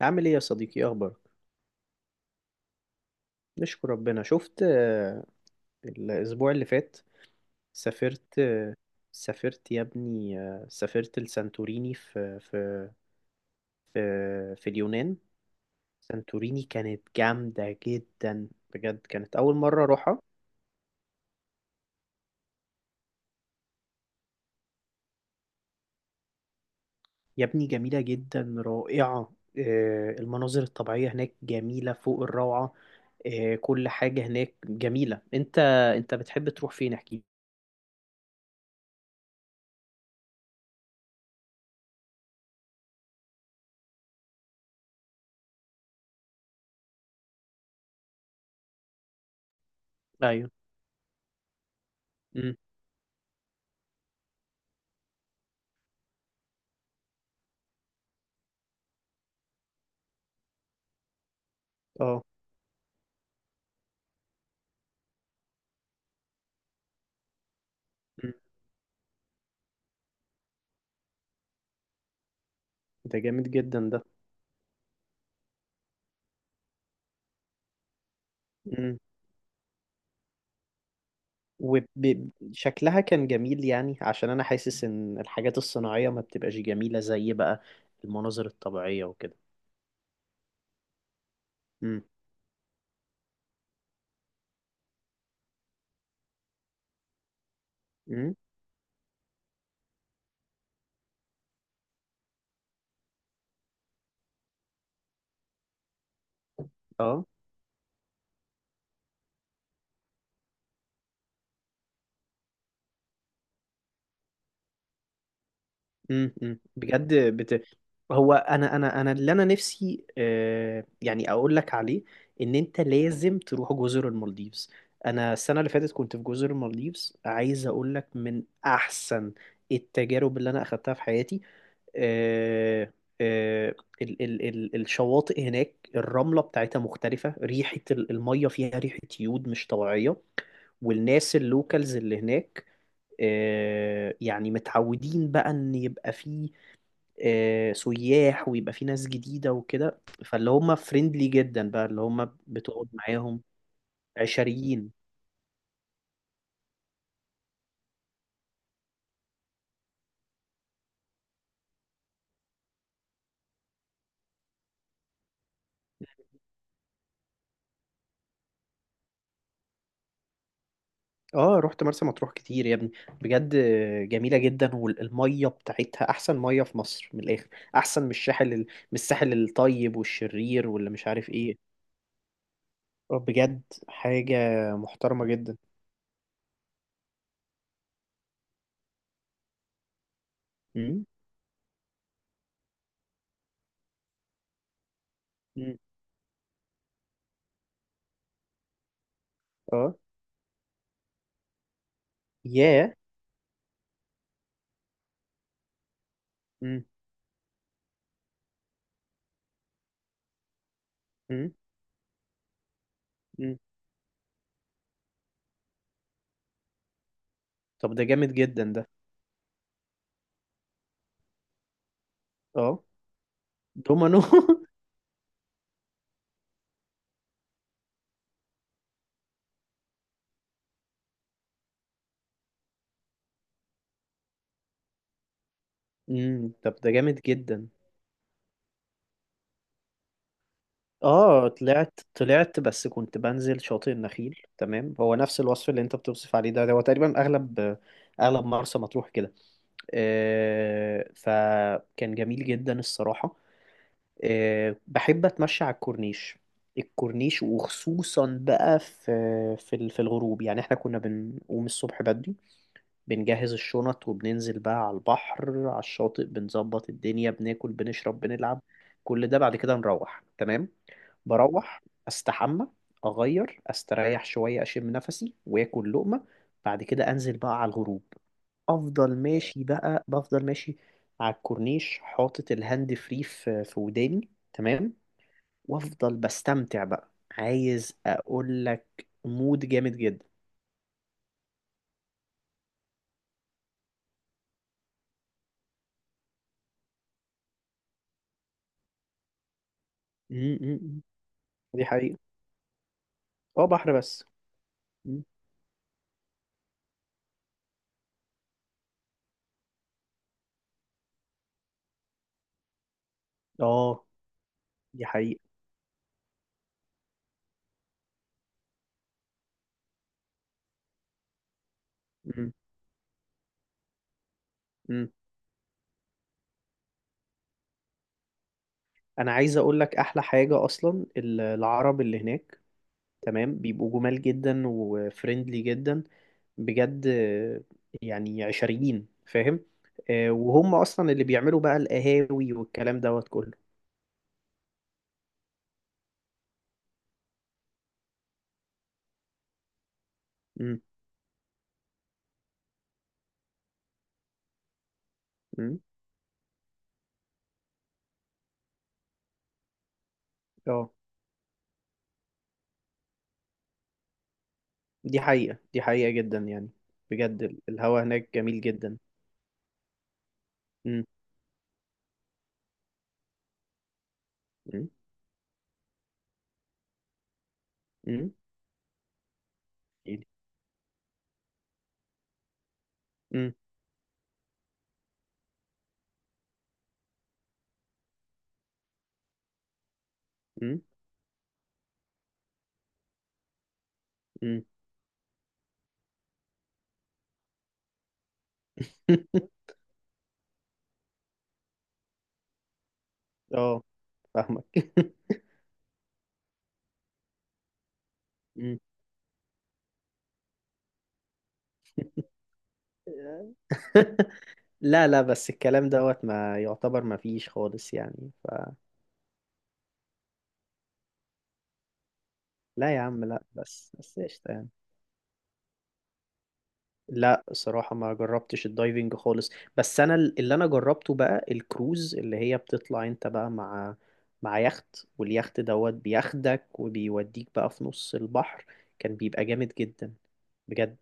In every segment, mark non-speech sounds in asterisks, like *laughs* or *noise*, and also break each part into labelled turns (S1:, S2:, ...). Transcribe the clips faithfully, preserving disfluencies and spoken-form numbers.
S1: عامل ايه يا صديقي؟ إيه اخبارك؟ نشكر ربنا شفت. آه، الاسبوع اللي فات سافرت. آه، سافرت يا ابني. آه، سافرت لسانتوريني في في في في اليونان. سانتوريني كانت جامدة جدا بجد، كانت اول مرة اروحها. يا ابني جميلة جدا، رائعة. آه، المناظر الطبيعية هناك جميلة فوق الروعة. آه، كل حاجة هناك جميلة. انت انت بتحب تروح فين؟ احكي. ايوه. امم. اه. مم. ده جامد جدا ده. مم. وشكلها كان جميل يعني، عشان انا حاسس ان الحاجات الصناعية ما بتبقاش جميلة زي بقى المناظر الطبيعية وكده. امم. امم. اه. امم. امم. بجد بت... هو انا انا انا اللي انا نفسي آه يعني اقول لك عليه، ان انت لازم تروح جزر المالديفز. انا السنة اللي فاتت كنت في جزر المالديفز، عايز اقول لك من احسن التجارب اللي انا اخدتها في حياتي. آه، آه، ال- ال- ال- الشواطئ هناك الرملة بتاعتها مختلفة، ريحة ال- المية فيها ريحة يود مش طبيعية. والناس اللوكالز اللي هناك آه، يعني متعودين بقى ان يبقى فيه آه، سياح ويبقى فيه ناس جديدة وكده، فاللي هم فريندلي جدا بقى اللي هم بتقعد معاهم. عشريين. اه رحت مرسى مطروح كتير يا ابني، بجد جميلة جدا، والمية بتاعتها احسن مية في مصر من الاخر، احسن من الساحل ال- من الساحل الطيب والشرير واللي مش عارف ايه. آه، بجد حاجة محترمة جدا. امم. امم. اه. ياه. امم. امم. امم. طب ده جامد جدا ده. اه. دومانو *laughs* امم. طب ده جامد جدا. اه طلعت طلعت بس كنت بنزل شاطئ النخيل، تمام. هو نفس الوصف اللي انت بتوصف عليه ده، هو تقريبا اغلب اغلب مرسى مطروح كده. آه، فكان جميل جدا الصراحة. آه، بحب أتمشى على الكورنيش، الكورنيش، وخصوصا بقى في في ال- في الغروب. يعني احنا كنا بنقوم الصبح بدري، بنجهز الشنط وبننزل بقى على البحر، على الشاطئ، بنظبط الدنيا، بناكل، بنشرب، بنلعب. كل ده بعد كده نروح تمام. بروح استحمى، اغير، استريح شويه، اشم نفسي، واكل لقمه. بعد كده انزل بقى على الغروب، افضل ماشي بقى، بفضل ماشي على الكورنيش، حاطط الهاند فري في في وداني، تمام. وافضل بستمتع بقى، عايز اقول لك مود جامد جدا. م- م- م. دي حقيقة. اه، بحر بس. م. اه دي حقيقة. م- م. انا عايز اقول لك احلى حاجة، اصلا ال- العرب اللي هناك تمام، بيبقوا جمال جدا وفريندلي جدا، بجد. آه، يعني عشريين، فاهم؟ آه، وهم اصلا اللي بيعملوا بقى القهاوي والكلام دوت كله. امم. امم. اه دي حقيقة، دي حقيقة جدا يعني. بجد ال- الهوا هناك جميل جدا. امم. امم. امم. امم. امم. امم. *laughs* اه فاهمك *laughs* أمم. *laughs* لا، لا، بس الكلام دوت ما يعتبر ما فيش خالص يعني ف. لا يا عم، لا، بس بس قشطة يعني. لا، صراحة ما جربتش الدايفنج خالص. بس انا ال- اللي انا جربته بقى الكروز، اللي هي بتطلع انت بقى مع مع يخت، واليخت دوت بياخدك وبيوديك بقى في نص البحر. كان بيبقى جامد جدا، بجد.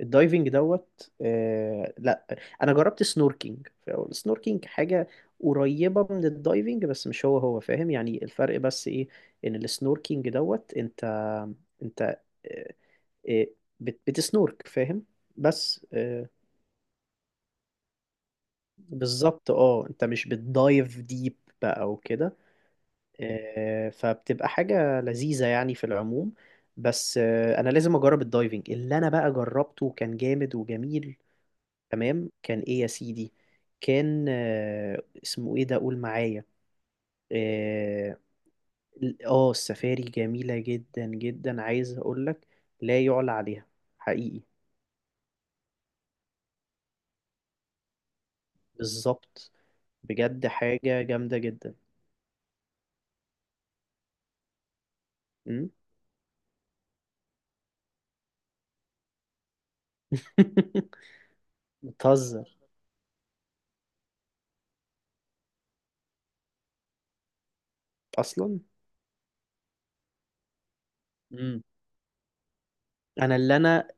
S1: الدايفنج دوت، آه لا، انا جربت سنوركينج. السنوركينج حاجة قريبة من الدايفنج بس مش هو هو، فاهم يعني الفرق؟ بس ايه، ان السنوركينج دوت انت انت إيه، بت- بتسنورك، فاهم؟ بس آه، بالظبط، اه، انت مش بتدايف ديب بقى وكده. آه، فبتبقى حاجة لذيذة يعني في العموم. بس آه، انا لازم اجرب الدايفنج. اللي انا بقى جربته كان جامد وجميل، تمام. كان ايه يا سيدي؟ كان آه، اسمه ايه ده؟ قول معايا. اه، آه، السفاري جميلة جدا جدا، عايز اقولك لا يعلى عليها. حقيقي. بالظبط. بجد حاجة جامدة جدا. مم. *laughs* بتهزر اصلا. مم. انا اللي انا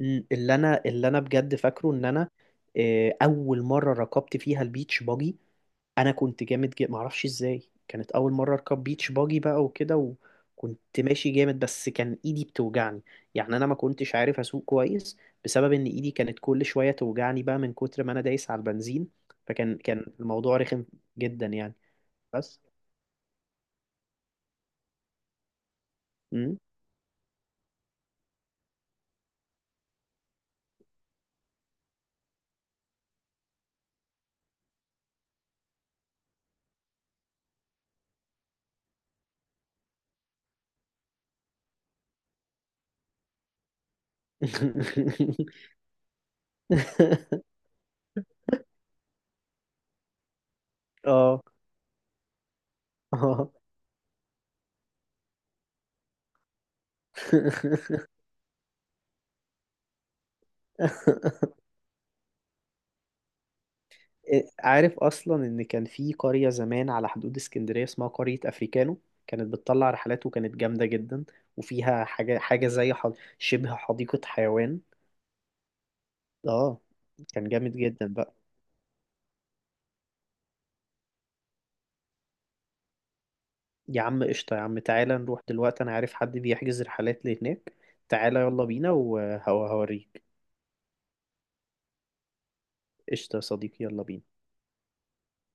S1: مم. اللي انا اللي انا بجد فاكره ان انا آه، اول مره ركبت فيها البيتش باجي. انا كنت جامد جدا، معرفش ازاي، كانت اول مره اركب بيتش باجي بقى وكده، وكنت ماشي جامد، بس كان ايدي بتوجعني، يعني انا ما كنتش عارف اسوق كويس، بسبب ان ايدي كانت كل شويه توجعني بقى من كتر ما انا دايس على البنزين. فكان كان الموضوع رخم جدا يعني. بس مم. *laughs* اه، اه *laughs* عارف اصلا ان كان في قرية زمان على حدود اسكندرية، اسمها قرية افريكانو، كانت بتطلع رحلات، وكانت جامدة جدا، وفيها حاجة حاجة زي حد... شبه حديقة حيوان. اه، كان جامد جدا بقى. يا عم قشطة، يا عم تعالى نروح دلوقتي، انا عارف حد بيحجز رحلات لهناك. تعالى يلا بينا وهوريك. قشطة يا صديقي، يلا بينا.